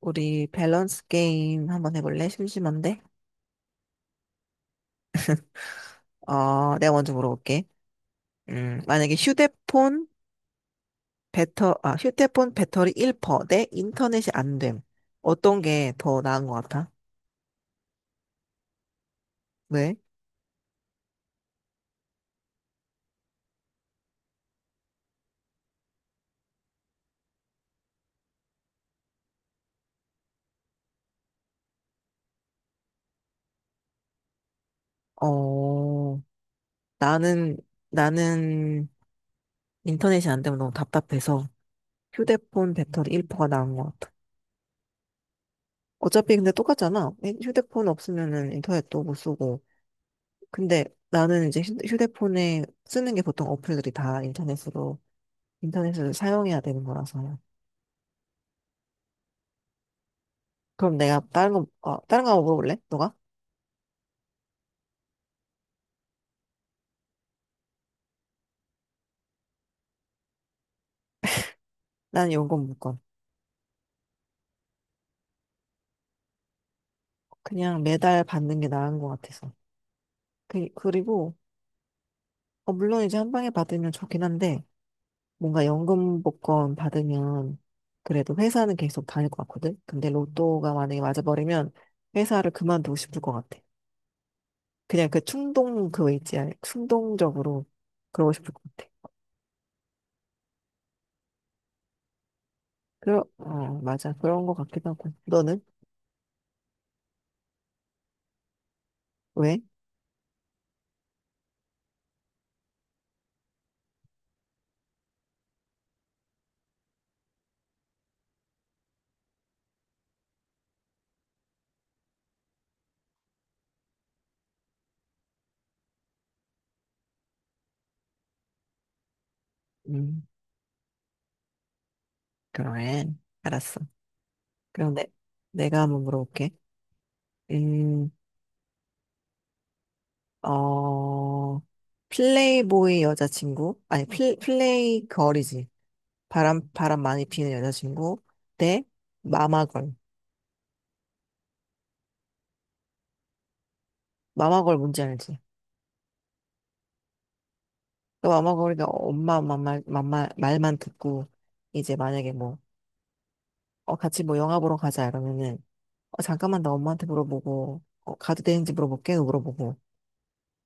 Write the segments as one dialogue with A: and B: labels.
A: 우리 밸런스 게임 한번 해볼래? 심심한데? 어, 내가 먼저 물어볼게. 만약에 휴대폰 휴대폰 배터리 1%대 인터넷이 안 됨. 어떤 게 더 나은 것 같아? 왜? 어, 나는, 나는 인터넷이 안 되면 너무 답답해서 휴대폰 배터리 1%가 나은 것 같아. 어차피 근데 똑같잖아. 휴대폰 없으면은 인터넷도 못 쓰고. 근데 나는 이제 휴대폰에 쓰는 게 보통 어플들이 다 인터넷으로 인터넷을 사용해야 되는 거라서요. 그럼 내가 다른 거 한번 물어볼래? 너가? 난 연금 무건. 그냥 매달 받는 게 나은 것 같아서. 그리고, 물론 이제 한 방에 받으면 좋긴 한데, 뭔가 연금 복권 받으면, 그래도 회사는 계속 다닐 것 같거든? 근데 로또가 만약에 맞아버리면, 회사를 그만두고 싶을 것 같아. 그냥 그 충동, 그거 있지, 아니, 충동적으로 그러고 싶을 것 같아. 맞아. 그런 것 같기도 하고. 너는? 왜? 음, 그래. 알았어. 그럼 내가 한번 물어볼게. 음, 어, 플레이보이 여자친구? 아니, 플레이 걸이지. 바람 많이 피는 여자친구 대 마마걸. 마마걸 뭔지 알지? 그 마마걸이가 엄마, 말만 듣고, 이제 만약에 같이 뭐 영화 보러 가자 이러면은, 잠깐만 나 엄마한테 물어보고, 가도 되는지 물어볼게 그 물어보고,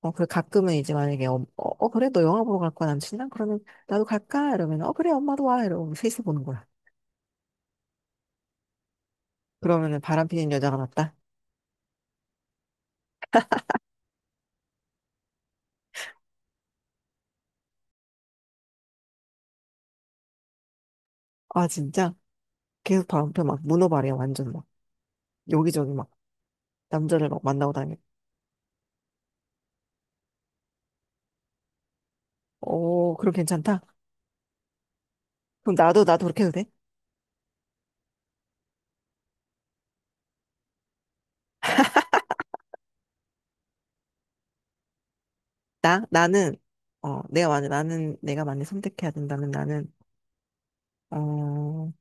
A: 그래, 가끔은 이제 만약에, 그래, 너 영화 보러 갈 거야, 남친이랑? 그러면, 나도 갈까? 이러면, 그래, 엄마도 와. 이러면 셋이 보는 거야. 그러면은 바람 피는 여자가 낫다? 아, 진짜? 계속 바람 펴, 막, 문어발이야, 완전 막. 여기저기 막, 남자를 막 만나고 다녀. 어, 그럼 괜찮다? 그럼 나도 그렇게 해도 돼? 나, 나는, 어, 내가 만약, 나는, 내가 만약 선택해야 된다면 나는, 어,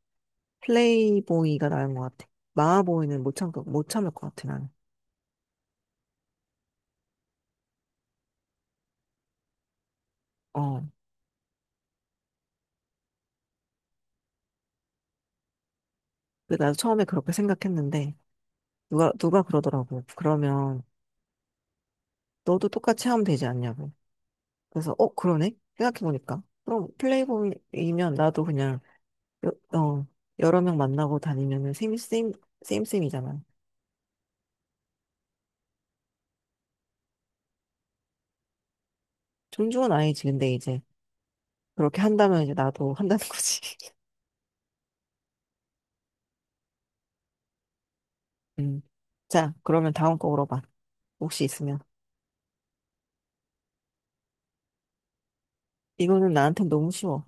A: 플레이보이가 나은 것 같아. 마마보이는 못 참을 것 같아, 나는. 어. 근데 나도 처음에 그렇게 생각했는데, 누가 그러더라고. 그러면 너도 똑같이 하면 되지 않냐고. 그래서, 그러네? 생각해보니까. 그럼 플레이보이면 나도 그냥, 여, 어, 여러 명 만나고 다니면은 셈셈이잖아. 존중은 아니지. 근데 이제, 그렇게 한다면 이제 나도 한다는 거지. 음. 자, 그러면 다음 거 물어봐. 혹시 있으면. 이거는 나한테 너무 쉬워.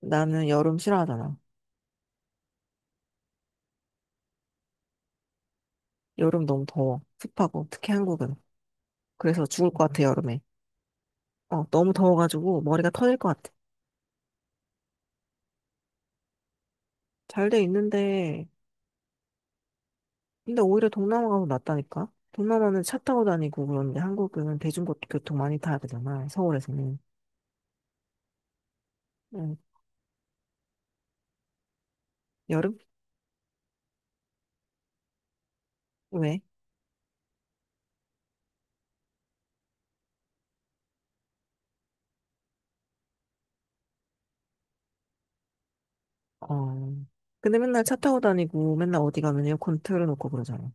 A: 나는 여름 싫어하잖아. 여름 너무 더워. 습하고, 특히 한국은. 그래서 죽을 것 같아, 여름에. 너무 더워가지고 머리가 터질 것 같아. 잘 돼 있는데, 근데 오히려 동남아가 더 낫다니까? 동남아는 차 타고 다니고 그런데 한국은 대중교통 많이 타야 되잖아, 서울에서는. 응. 여름? 왜? 어. 근데 맨날 차 타고 다니고 맨날 어디 가면 에어컨 틀어놓고 그러잖아.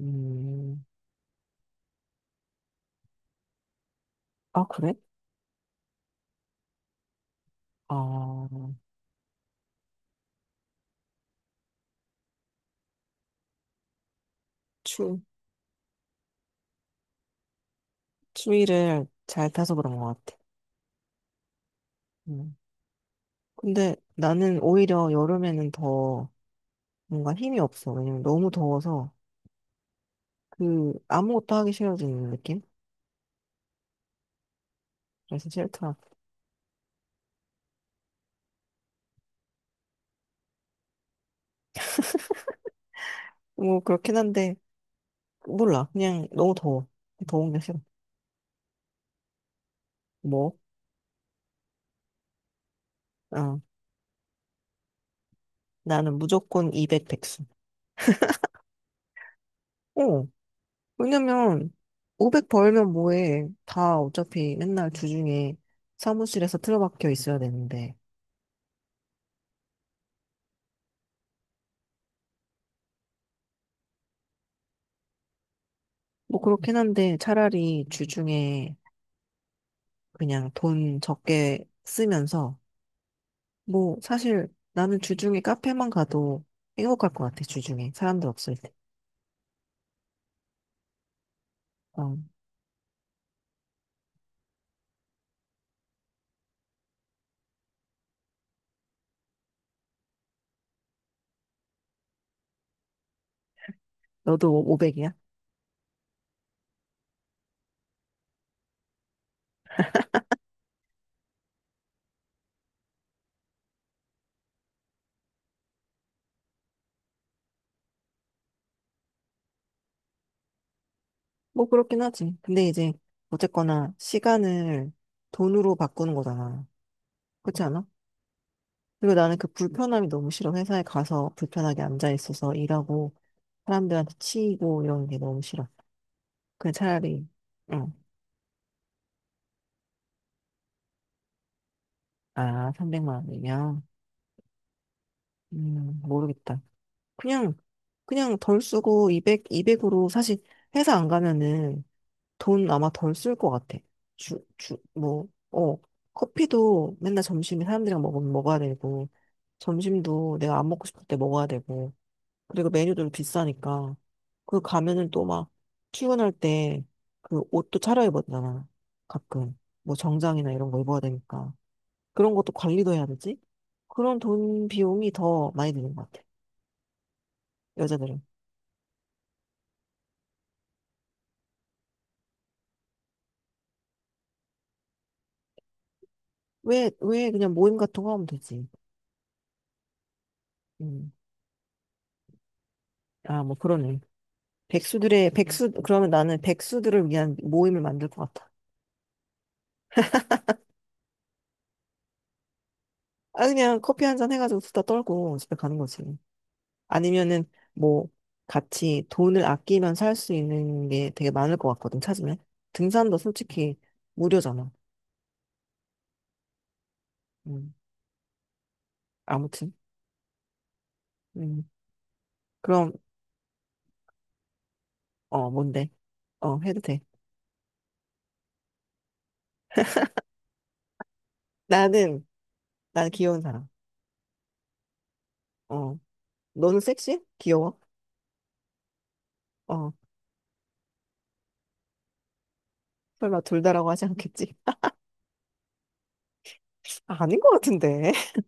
A: 음. 아, 그래? 아, 추, 추위를 잘 타서 그런 것 같아. 음. 근데 나는 오히려 여름에는 더 뭔가 힘이 없어. 왜냐면 너무 더워서 그 아무것도 하기 싫어지는 느낌? 그래서 싫더라. 뭐 그렇긴 한데 몰라, 그냥 너무 더워, 더운 게 싫어. 뭐? 어, 나는 무조건 200 백수. 어 왜냐면 500 벌면 뭐해, 다 어차피 맨날 주중에 사무실에서 틀어박혀 있어야 되는데. 뭐 그렇긴 한데 차라리 주중에 그냥 돈 적게 쓰면서, 뭐 사실 나는 주중에 카페만 가도 행복할 것 같아, 주중에 사람들 없을 때. 어, 너도 500이야? 뭐 그렇긴 하지. 근데 이제 어쨌거나 시간을 돈으로 바꾸는 거잖아. 그렇지 않아? 그리고 나는 그 불편함이 너무 싫어. 회사에 가서 불편하게 앉아 있어서 일하고 사람들한테 치이고 이런 게 너무 싫어. 그냥 차라리. 응. 아, 300만 원이면 모르겠다. 그냥 덜 쓰고 200으로 사실 회사 안 가면은 돈 아마 덜 쓸 것 같아. 주, 주, 뭐, 어, 커피도 맨날 점심에 사람들이랑 먹으면 먹어야 되고, 점심도 내가 안 먹고 싶을 때 먹어야 되고, 그리고 메뉴들도 비싸니까, 그 가면은 또 막, 출근할 때, 그 옷도 차려입어야 되잖아. 가끔. 뭐 정장이나 이런 거 입어야 되니까. 그런 것도 관리도 해야 되지? 그런 돈 비용이 더 많이 드는 것 같아. 여자들은. 왜 그냥 모임 같은 거 하면 되지? 음. 아, 뭐 그러네. 그러면 나는 백수들을 위한 모임을 만들 것 같아. 아, 그냥 커피 한 잔 해가지고 수다 떨고 집에 가는 거지. 아니면은 뭐 같이 돈을 아끼면 살 수 있는 게 되게 많을 것 같거든, 찾으면. 등산도 솔직히 무료잖아. 음, 아무튼. 음, 그럼, 뭔데? 어, 해도 돼. 나는, 난 귀여운 사람. 어, 너는 섹시해? 귀여워? 어, 설마 둘 다라고 하지 않겠지? 아닌 것 같은데.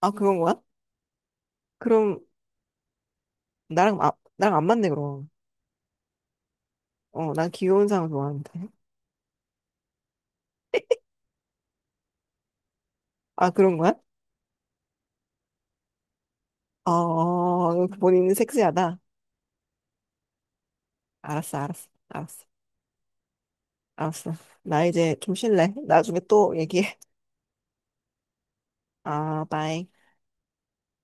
A: 아, 그건 거야? 그럼, 나랑, 아, 나랑 안 맞네, 그럼. 난 귀여운 사람 좋아하는데. 아, 그런 거야? 어, 본인은 섹시하다. 알았어, 알았어, 알았어. 알았어. 나 이제 좀 쉴래. 나중에 또 얘기해. 아, 바이.